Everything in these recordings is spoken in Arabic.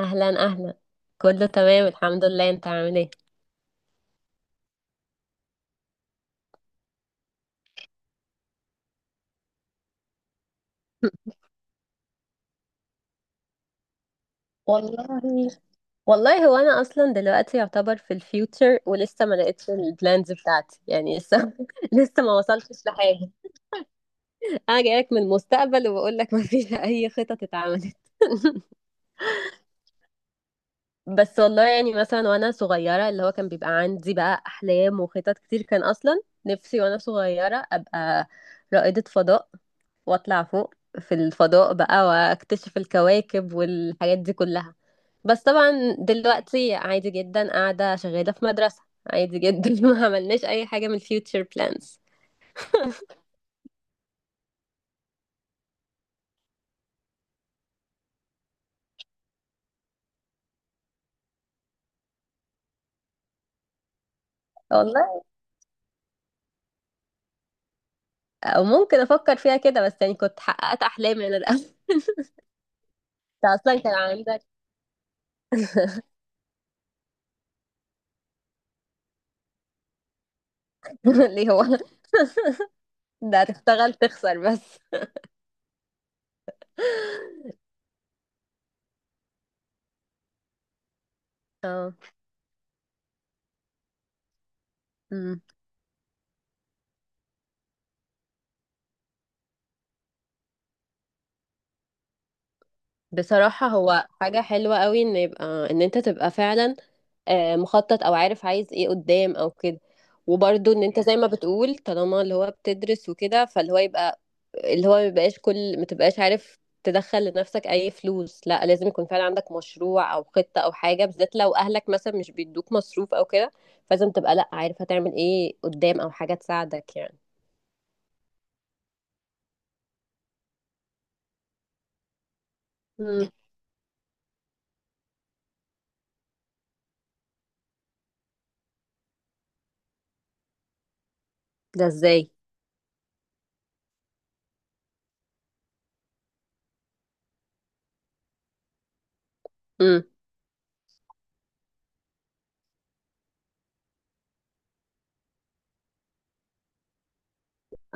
اهلا اهلا، كله تمام الحمد لله، انت عامل ايه؟ والله والله هو انا اصلا دلوقتي يعتبر في الفيوتشر ولسه ما لقيتش البلانز بتاعتي، يعني لسه لسه ما وصلتش لحاجه. انا جايلك من المستقبل وبقول لك ما فيش اي خطط اتعملت. بس والله يعني مثلا وانا صغيره اللي هو كان بيبقى عندي بقى احلام وخطط كتير، كان اصلا نفسي وانا صغيره ابقى رائده فضاء واطلع فوق في الفضاء بقى واكتشف الكواكب والحاجات دي كلها. بس طبعا دلوقتي عادي جدا قاعده شغاله في مدرسه، عادي جدا ما عملناش اي حاجه من الفيوتشر بلانز. والله او ممكن افكر فيها كده، بس يعني كنت حققت احلامي انا الاول. انت اصلا كان عندك ليه؟ هو ده هتشتغل تخسر بس. اه. أمم. بصراحة هو حاجة حلوة قوي ان يبقى، ان انت تبقى فعلا مخطط او عارف عايز ايه قدام او كده. وبرضه ان انت زي ما بتقول، طالما اللي هو بتدرس وكده، فاللي هو يبقى اللي هو ما يبقاش كل ما تبقاش عارف تدخل لنفسك اي فلوس، لا، لازم يكون فعلا عندك مشروع او خطة او حاجة، بالذات لو اهلك مثلا مش بيدوك مصروف او كده. فلازم تبقى، لا، عارف هتعمل ايه قدام، او حاجة تساعدك يعني. أمم. ده ازاي؟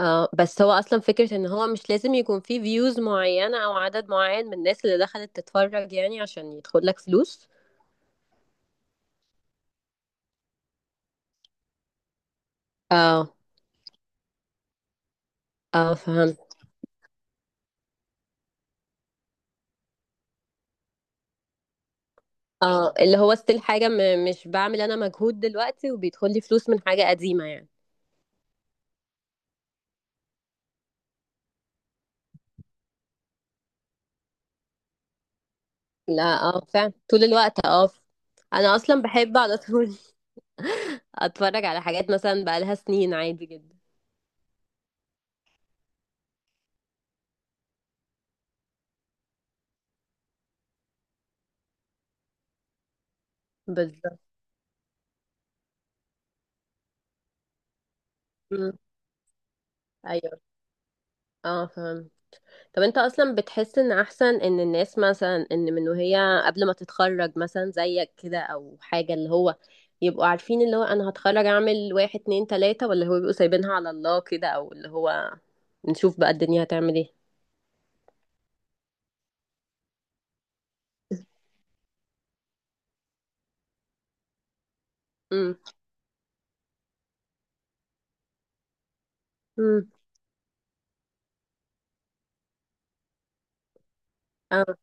اه، بس هو اصلا فكرة ان هو مش لازم يكون فيه فيوز معينة او عدد معين من الناس اللي دخلت تتفرج، يعني عشان يدخل لك فلوس. اه. اه فهمت. اه، اللي هو ستيل حاجة مش بعمل انا مجهود دلوقتي وبيدخل لي فلوس من حاجة قديمة يعني. لا، اه فعلا، طول الوقت، اه. انا اصلا بحب على طول اتفرج على حاجات مثلا بقالها سنين، عادي جدا. بالظبط. مم. ايوه. اه فهمت. طب انت اصلا بتحس ان احسن ان الناس مثلا، ان من وهي قبل ما تتخرج مثلا، زيك كده او حاجة، اللي هو يبقوا عارفين اللي هو انا هتخرج اعمل واحد اتنين تلاتة، ولا هو بيبقوا سايبينها على الله كده، او اللي هو نشوف بقى الدنيا هتعمل ايه. امم. امم. اه.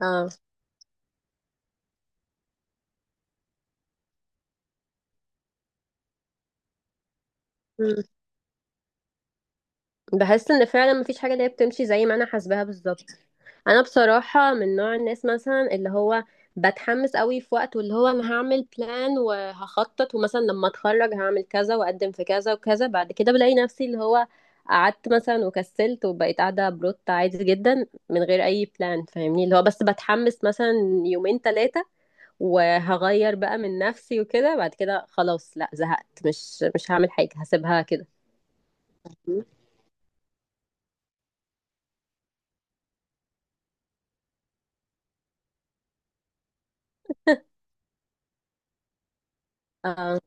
اه. امم. بحس ان فعلا مفيش حاجة اللي هي بتمشي زي ما انا حاسباها بالظبط. انا بصراحه من نوع الناس مثلا اللي هو بتحمس قوي في وقت، واللي هو انا هعمل بلان وهخطط، ومثلا لما اتخرج هعمل كذا واقدم في كذا وكذا. بعد كده بلاقي نفسي اللي هو قعدت مثلا وكسلت وبقيت قاعده بروت عادي جدا من غير اي بلان، فاهمني؟ اللي هو بس بتحمس مثلا يومين ثلاثه وهغير بقى من نفسي وكده، بعد كده خلاص، لا زهقت، مش هعمل حاجه، هسيبها كده. آه.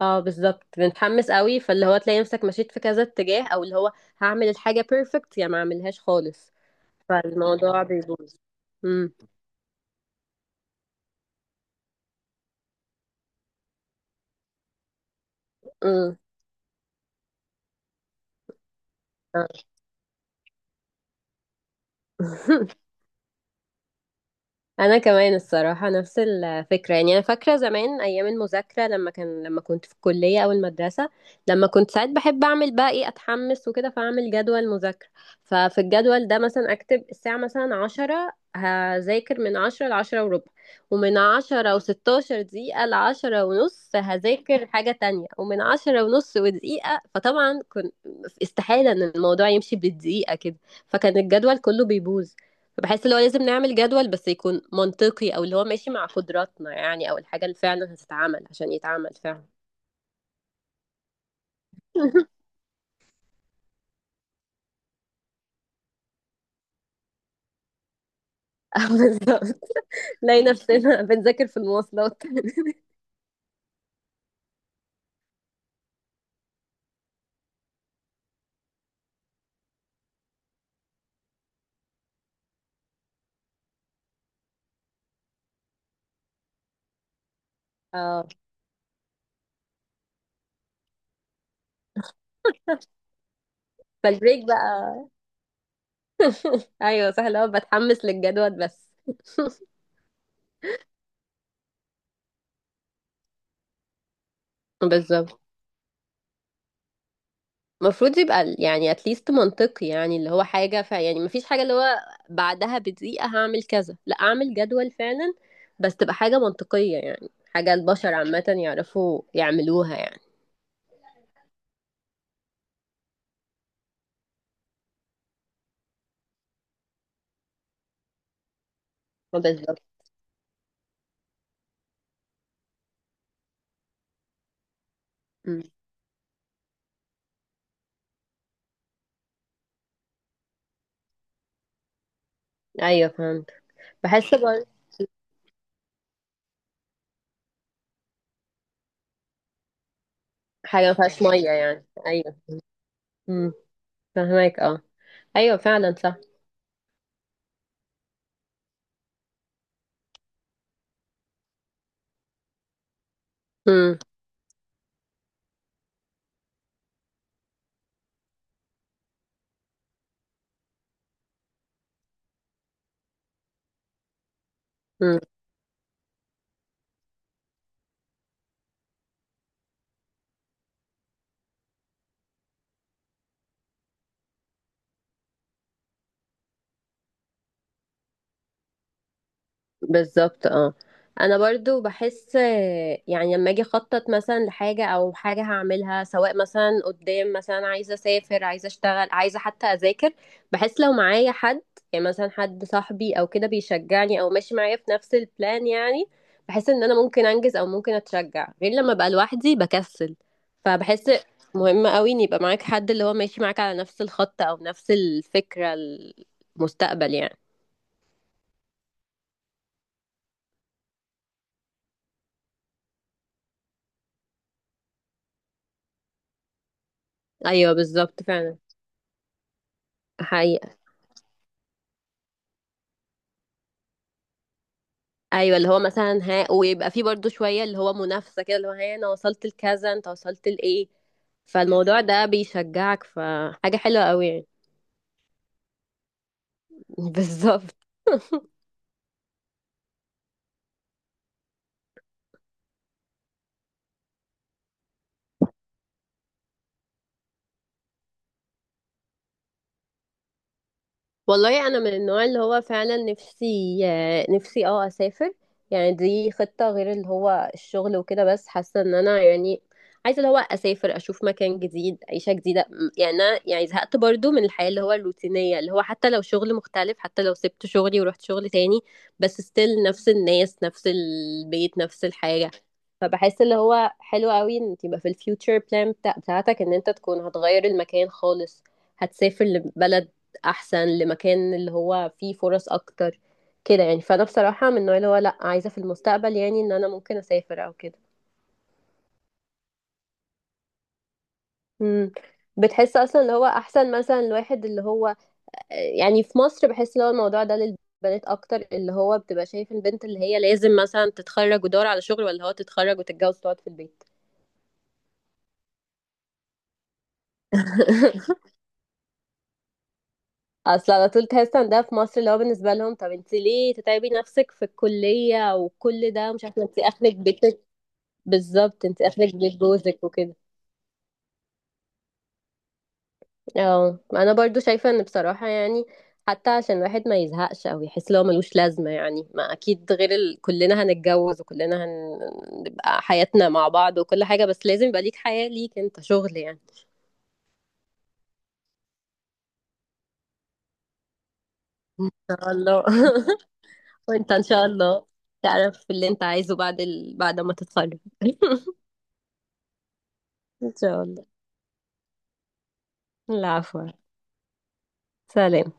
اه بالظبط، بنتحمس قوي فاللي هو تلاقي نفسك مشيت في كذا اتجاه، او اللي هو هعمل الحاجة بيرفكت يا ما اعملهاش خالص، فالموضوع بيبوظ. امم. امم. انا كمان الصراحه نفس الفكره، يعني انا فاكره زمان ايام المذاكره، لما كنت في الكليه او المدرسه، لما كنت ساعات بحب اعمل بقى ايه، اتحمس وكده فاعمل جدول مذاكره. ففي الجدول ده مثلا اكتب الساعه مثلا عشرة هذاكر من عشرة لعشرة وربع، ومن عشرة وستاشر دقيقة لعشرة ونص هذاكر حاجة تانية، ومن عشرة ونص ودقيقة، فطبعا كنت استحالة ان الموضوع يمشي بالدقيقة كده، فكان الجدول كله بيبوظ. فبحس اللي هو لازم نعمل جدول بس يكون منطقي، او اللي هو ماشي مع قدراتنا يعني، او الحاجة اللي فعلا هتتعمل عشان يتعمل فعلا. بالظبط. نلاقي نفسنا بنذاكر في المواصلات. اه، فالبريك بقى. ايوه سهل اهو، بتحمس للجدول بس. بالظبط، المفروض يبقى ال- يعني اتليست منطقي، يعني اللي هو حاجة، ف يعني مفيش حاجة اللي هو بعدها بدقيقة هعمل كذا، لا اعمل جدول فعلا بس تبقى حاجة منطقية يعني، حاجة البشر عامة يعرفوا يعملوها يعني. اه بالظبط. مم. ايوه فهمت. بحس برضه حاجه ما فيهاش ميه يعني، ايوه. امم. فهمك، اه. ايوه فعلا صح. امم. بالظبط. اه انا برضو بحس يعني لما اجي اخطط مثلا لحاجه او حاجه هعملها، سواء مثلا قدام، مثلا عايزه اسافر، عايزه اشتغل، عايزه حتى اذاكر، بحس لو معايا حد، يعني مثلا حد صاحبي او كده بيشجعني او ماشي معايا في نفس البلان يعني، بحس ان انا ممكن انجز او ممكن اتشجع، غير لما ابقى لوحدي بكسل. فبحس مهم قوي ان يبقى معاك حد اللي هو ماشي معاك على نفس الخط او نفس الفكره، المستقبل يعني. ايوه بالظبط فعلا. حقيقة. ايوه، اللي هو مثلا ها، ويبقى فيه برضو شويه اللي هو منافسه كده، اللي هو ها انا وصلت لكذا، انت وصلت لايه؟ فالموضوع ده بيشجعك، فحاجه حلوه قوي يعني. بالظبط. والله انا من النوع اللي هو فعلا نفسي نفسي اه اسافر، يعني دي خطة غير اللي هو الشغل وكده. بس حاسة ان انا يعني عايزة اللي هو اسافر، اشوف مكان جديد، عيشة جديدة، يعني انا يعني زهقت برضو من الحياة اللي هو الروتينية، اللي هو حتى لو شغل مختلف، حتى لو سبت شغلي ورحت شغل تاني، بس ستيل نفس الناس، نفس البيت، نفس الحاجة. فبحس اللي هو حلو قوي ان يبقى في الفيوتشر بلان بتاعتك ان انت تكون هتغير المكان خالص، هتسافر لبلد احسن، لمكان اللي هو فيه فرص اكتر كده يعني. فانا بصراحه من النوع اللي هو لا، عايزه في المستقبل يعني ان انا ممكن اسافر او كده. امم. بتحس اصلا اللي هو احسن مثلا الواحد اللي هو يعني في مصر، بحس اللي هو الموضوع ده للبنات اكتر، اللي هو بتبقى شايف البنت اللي هي لازم مثلا تتخرج ودور على شغل، ولا هو تتخرج وتتجوز وتقعد في البيت. اصل على طول تحس ان ده في مصر اللي هو بالنسبه لهم طب انت ليه تتعبي نفسك في الكليه وكل ده، مش عارفه، انت اخرك بيتك. بالظبط، انت اخرك بيت جوزك وكده. اه انا برضو شايفة ان بصراحة يعني حتى عشان الواحد ما يزهقش او يحس لو ملوش لازمة يعني، ما اكيد غير ال... كلنا هنتجوز، وكلنا هنبقى حياتنا مع بعض وكل حاجة، بس لازم يبقى ليك حياة، ليك انت شغل يعني. ان شاء الله. وانت ان شاء الله تعرف اللي انت عايزه بعد ال... بعد ما تتخرج. ان شاء الله. العفو. سلام.